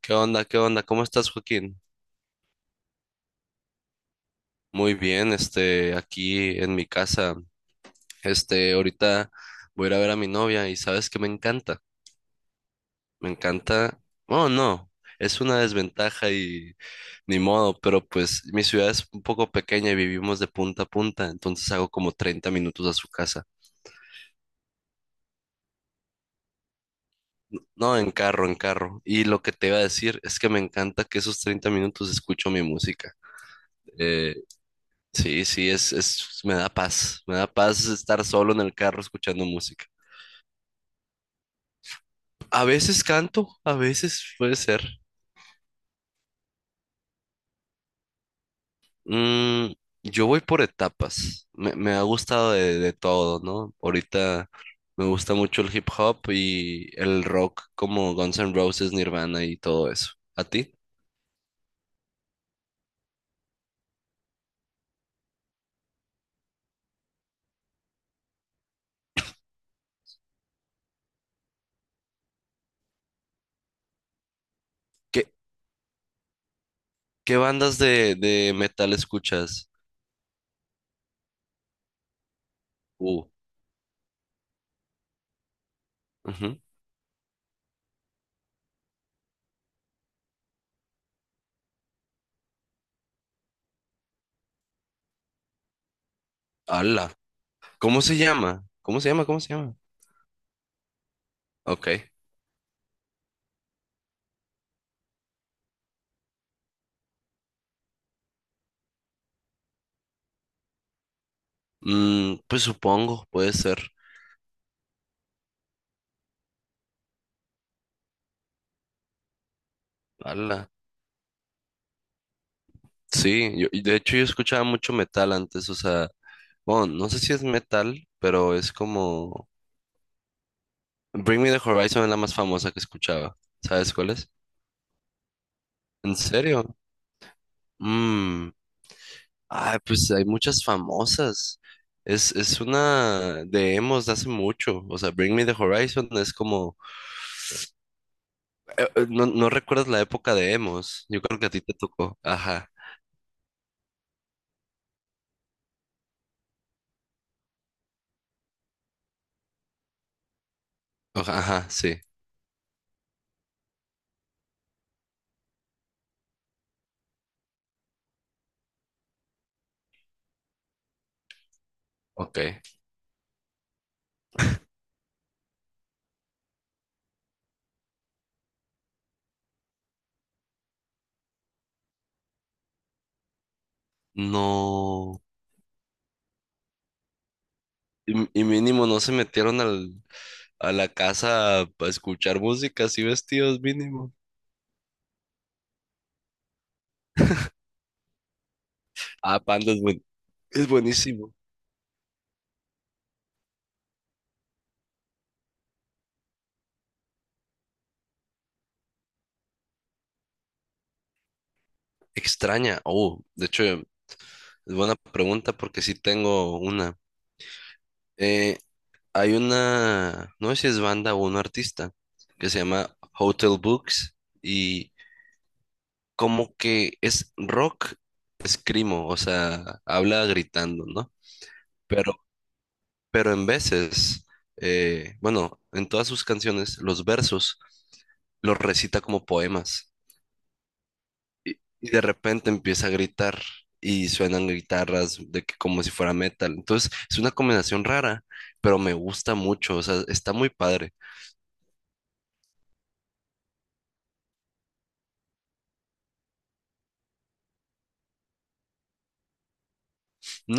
¿Qué onda? ¿Qué onda? ¿Cómo estás, Joaquín? Muy bien, aquí en mi casa, ahorita voy a ir a ver a mi novia y sabes que me encanta, oh no, es una desventaja y ni modo, pero pues mi ciudad es un poco pequeña y vivimos de punta a punta, entonces hago como 30 minutos a su casa. No, en carro, en carro. Y lo que te iba a decir es que me encanta que esos 30 minutos escucho mi música. Eh, Sí, sí, es, me da paz estar solo en el carro escuchando música. A veces canto, a veces puede ser. Mm, yo voy por etapas, me ha gustado de todo, ¿no? Ahorita me gusta mucho el hip hop y el rock como Guns N' Roses, Nirvana y todo eso. ¿A ti? ¿Qué, qué bandas de metal escuchas? Uh, ujú. Ala. ¿Cómo se llama? ¿Cómo se llama? ¿Cómo se llama? Ok. Pues supongo, puede ser. Ala. Sí, yo, y de hecho yo escuchaba mucho metal antes, o sea, bueno, no sé si es metal, pero es como Bring Me the Horizon es la más famosa que escuchaba. ¿Sabes cuál es? ¿En serio? Mm. Ay, pues hay muchas famosas. Es una de emos de hace mucho. O sea, Bring Me the Horizon es como... no, no recuerdas la época de emos. Yo creo que a ti te tocó. Ajá. Ajá, ajá, sí. Ok. No. Y mínimo no se metieron al, a la casa a escuchar música así vestidos mínimo. Ah, Panda es buenísimo. Extraña. Oh, de hecho, es buena pregunta porque sí tengo una. Eh, hay una, no sé si es banda o un artista que se llama Hotel Books y como que es rock escrimo, o sea, habla gritando, ¿no? Pero, pero en veces, bueno, en todas sus canciones, los versos los recita como poemas. Y de repente empieza a gritar y suenan guitarras de que como si fuera metal. Entonces, es una combinación rara, pero me gusta mucho, o sea, está muy padre.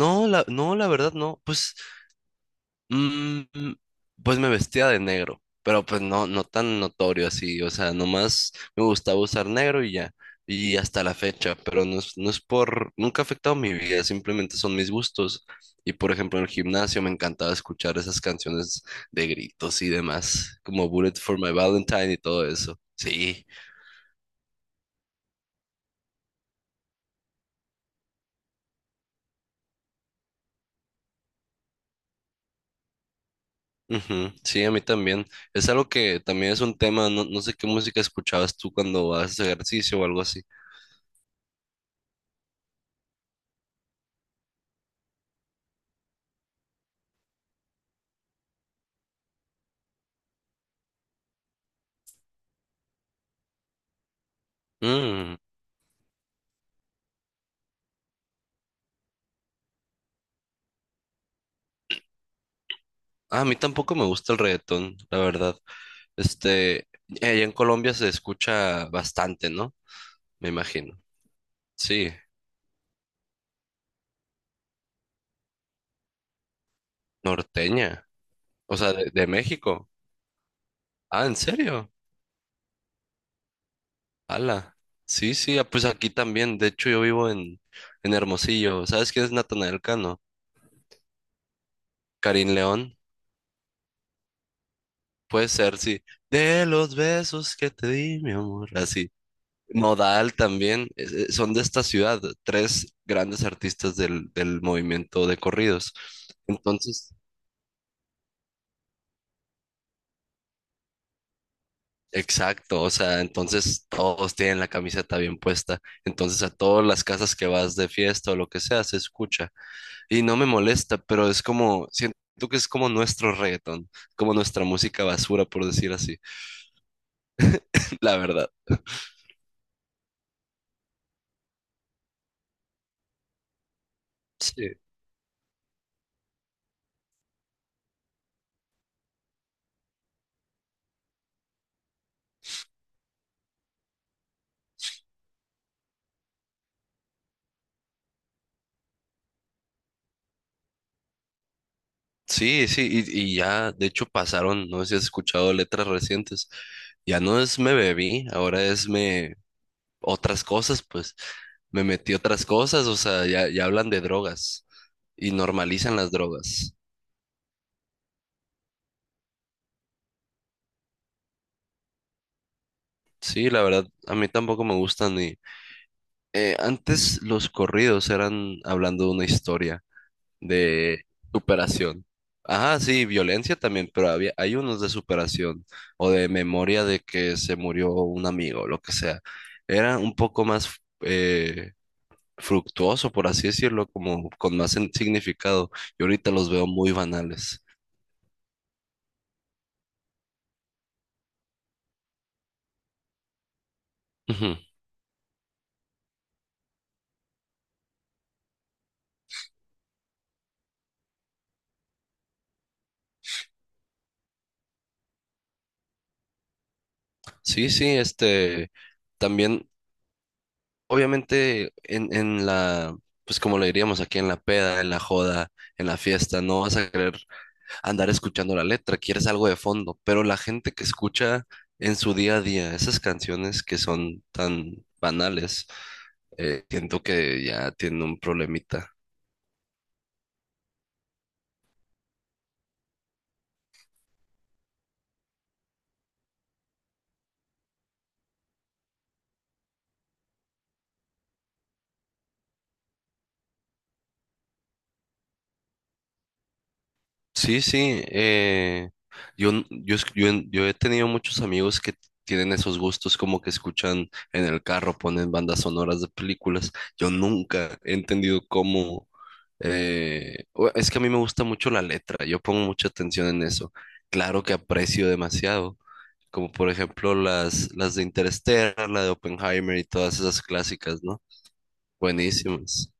No, la verdad no, pues. Mm, pues me vestía de negro, pero pues no, no tan notorio así, o sea, nomás me gustaba usar negro y ya, y hasta la fecha, pero no es por, nunca ha afectado mi vida, simplemente son mis gustos. Y por ejemplo, en el gimnasio me encantaba escuchar esas canciones de gritos y demás, como Bullet for My Valentine y todo eso. Sí, ujú, sí, a mí también. Es algo que también es un tema, no, no sé qué música escuchabas tú cuando haces ejercicio o algo así. Mm. Ah, a mí tampoco me gusta el reggaetón, la verdad. Este, allá en Colombia se escucha bastante, ¿no? Me imagino. Sí, norteña. O sea, de México. Ah, ¿en serio? Ala. Sí, sí, ah, pues aquí también. De hecho, yo vivo en Hermosillo. ¿Sabes quién es Natanael Cano? Karim León. Puede ser, sí. De los besos que te di, mi amor. Así. Nodal también, son de esta ciudad, tres grandes artistas del movimiento de corridos. Entonces, exacto, o sea, entonces todos tienen la camiseta bien puesta. Entonces, a todas las casas que vas de fiesta o lo que sea, se escucha. Y no me molesta, pero es como, siento que es como nuestro reggaetón, como nuestra música basura, por decir así, la verdad. Sí. Sí, sí, y ya, de hecho pasaron, no sé si has escuchado letras recientes, ya no es me bebí, ahora es me otras cosas, pues me metí otras cosas, o sea, ya, ya hablan de drogas y normalizan las drogas. Sí, la verdad, a mí tampoco me gustan y antes los corridos eran hablando de una historia. De superación. Ajá, sí, violencia también, pero hay unos de superación o de memoria de que se murió un amigo, lo que sea. Era un poco más eh, fructuoso, por así decirlo, como con más significado. Y ahorita los veo muy banales. Ujú. Sí, sí, también, obviamente, en la, pues como le diríamos aquí, en la peda, en la joda, en la fiesta, no vas a querer andar escuchando la letra, quieres algo de fondo, pero la gente que escucha en su día a día esas canciones que son tan banales, siento que ya tiene un problemita. Sí, sí, yo, n- yo, es- yo, en- yo he tenido muchos amigos que tienen esos gustos como que escuchan en el carro, ponen bandas sonoras de películas. Yo nunca he entendido cómo... es que a mí me gusta mucho la letra, yo pongo mucha atención en eso. Claro que aprecio demasiado, como por ejemplo las de Interstellar, la de Oppenheimer y todas esas clásicas, ¿no? Buenísimas.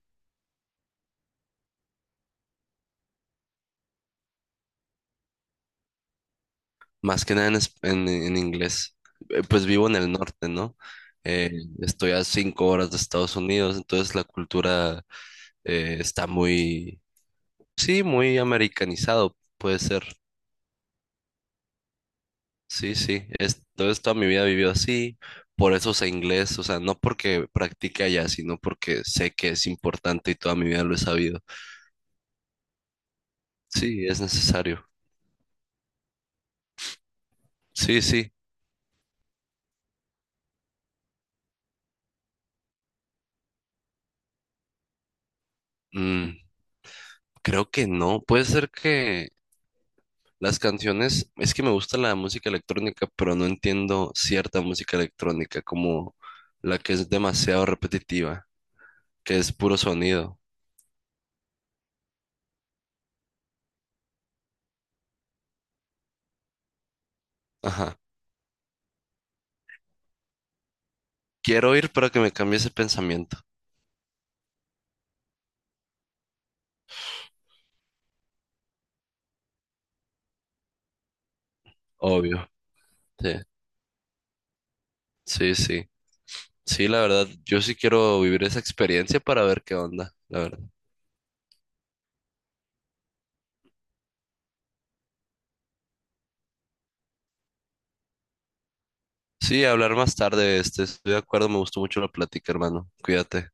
Más que nada en inglés. Pues vivo en el norte, ¿no? Eh, estoy a 5 horas de Estados Unidos, entonces la cultura está muy, sí, muy americanizado, puede ser. Sí, sí. Es, entonces toda mi vida he vivido así. Por eso sé inglés, o sea, no porque practique allá, sino porque sé que es importante y toda mi vida lo he sabido. Sí, es necesario. Sí, sí. Mm, creo que no. Puede ser que las canciones, es que me gusta la música electrónica, pero no entiendo cierta música electrónica como la que es demasiado repetitiva, que es puro sonido. Ajá. Quiero ir para que me cambie ese pensamiento. Obvio. Sí, sí, sí. Sí, la verdad, yo sí quiero vivir esa experiencia para ver qué onda, la verdad. Sí, hablar más tarde, estoy de acuerdo, me gustó mucho la plática, hermano. Cuídate.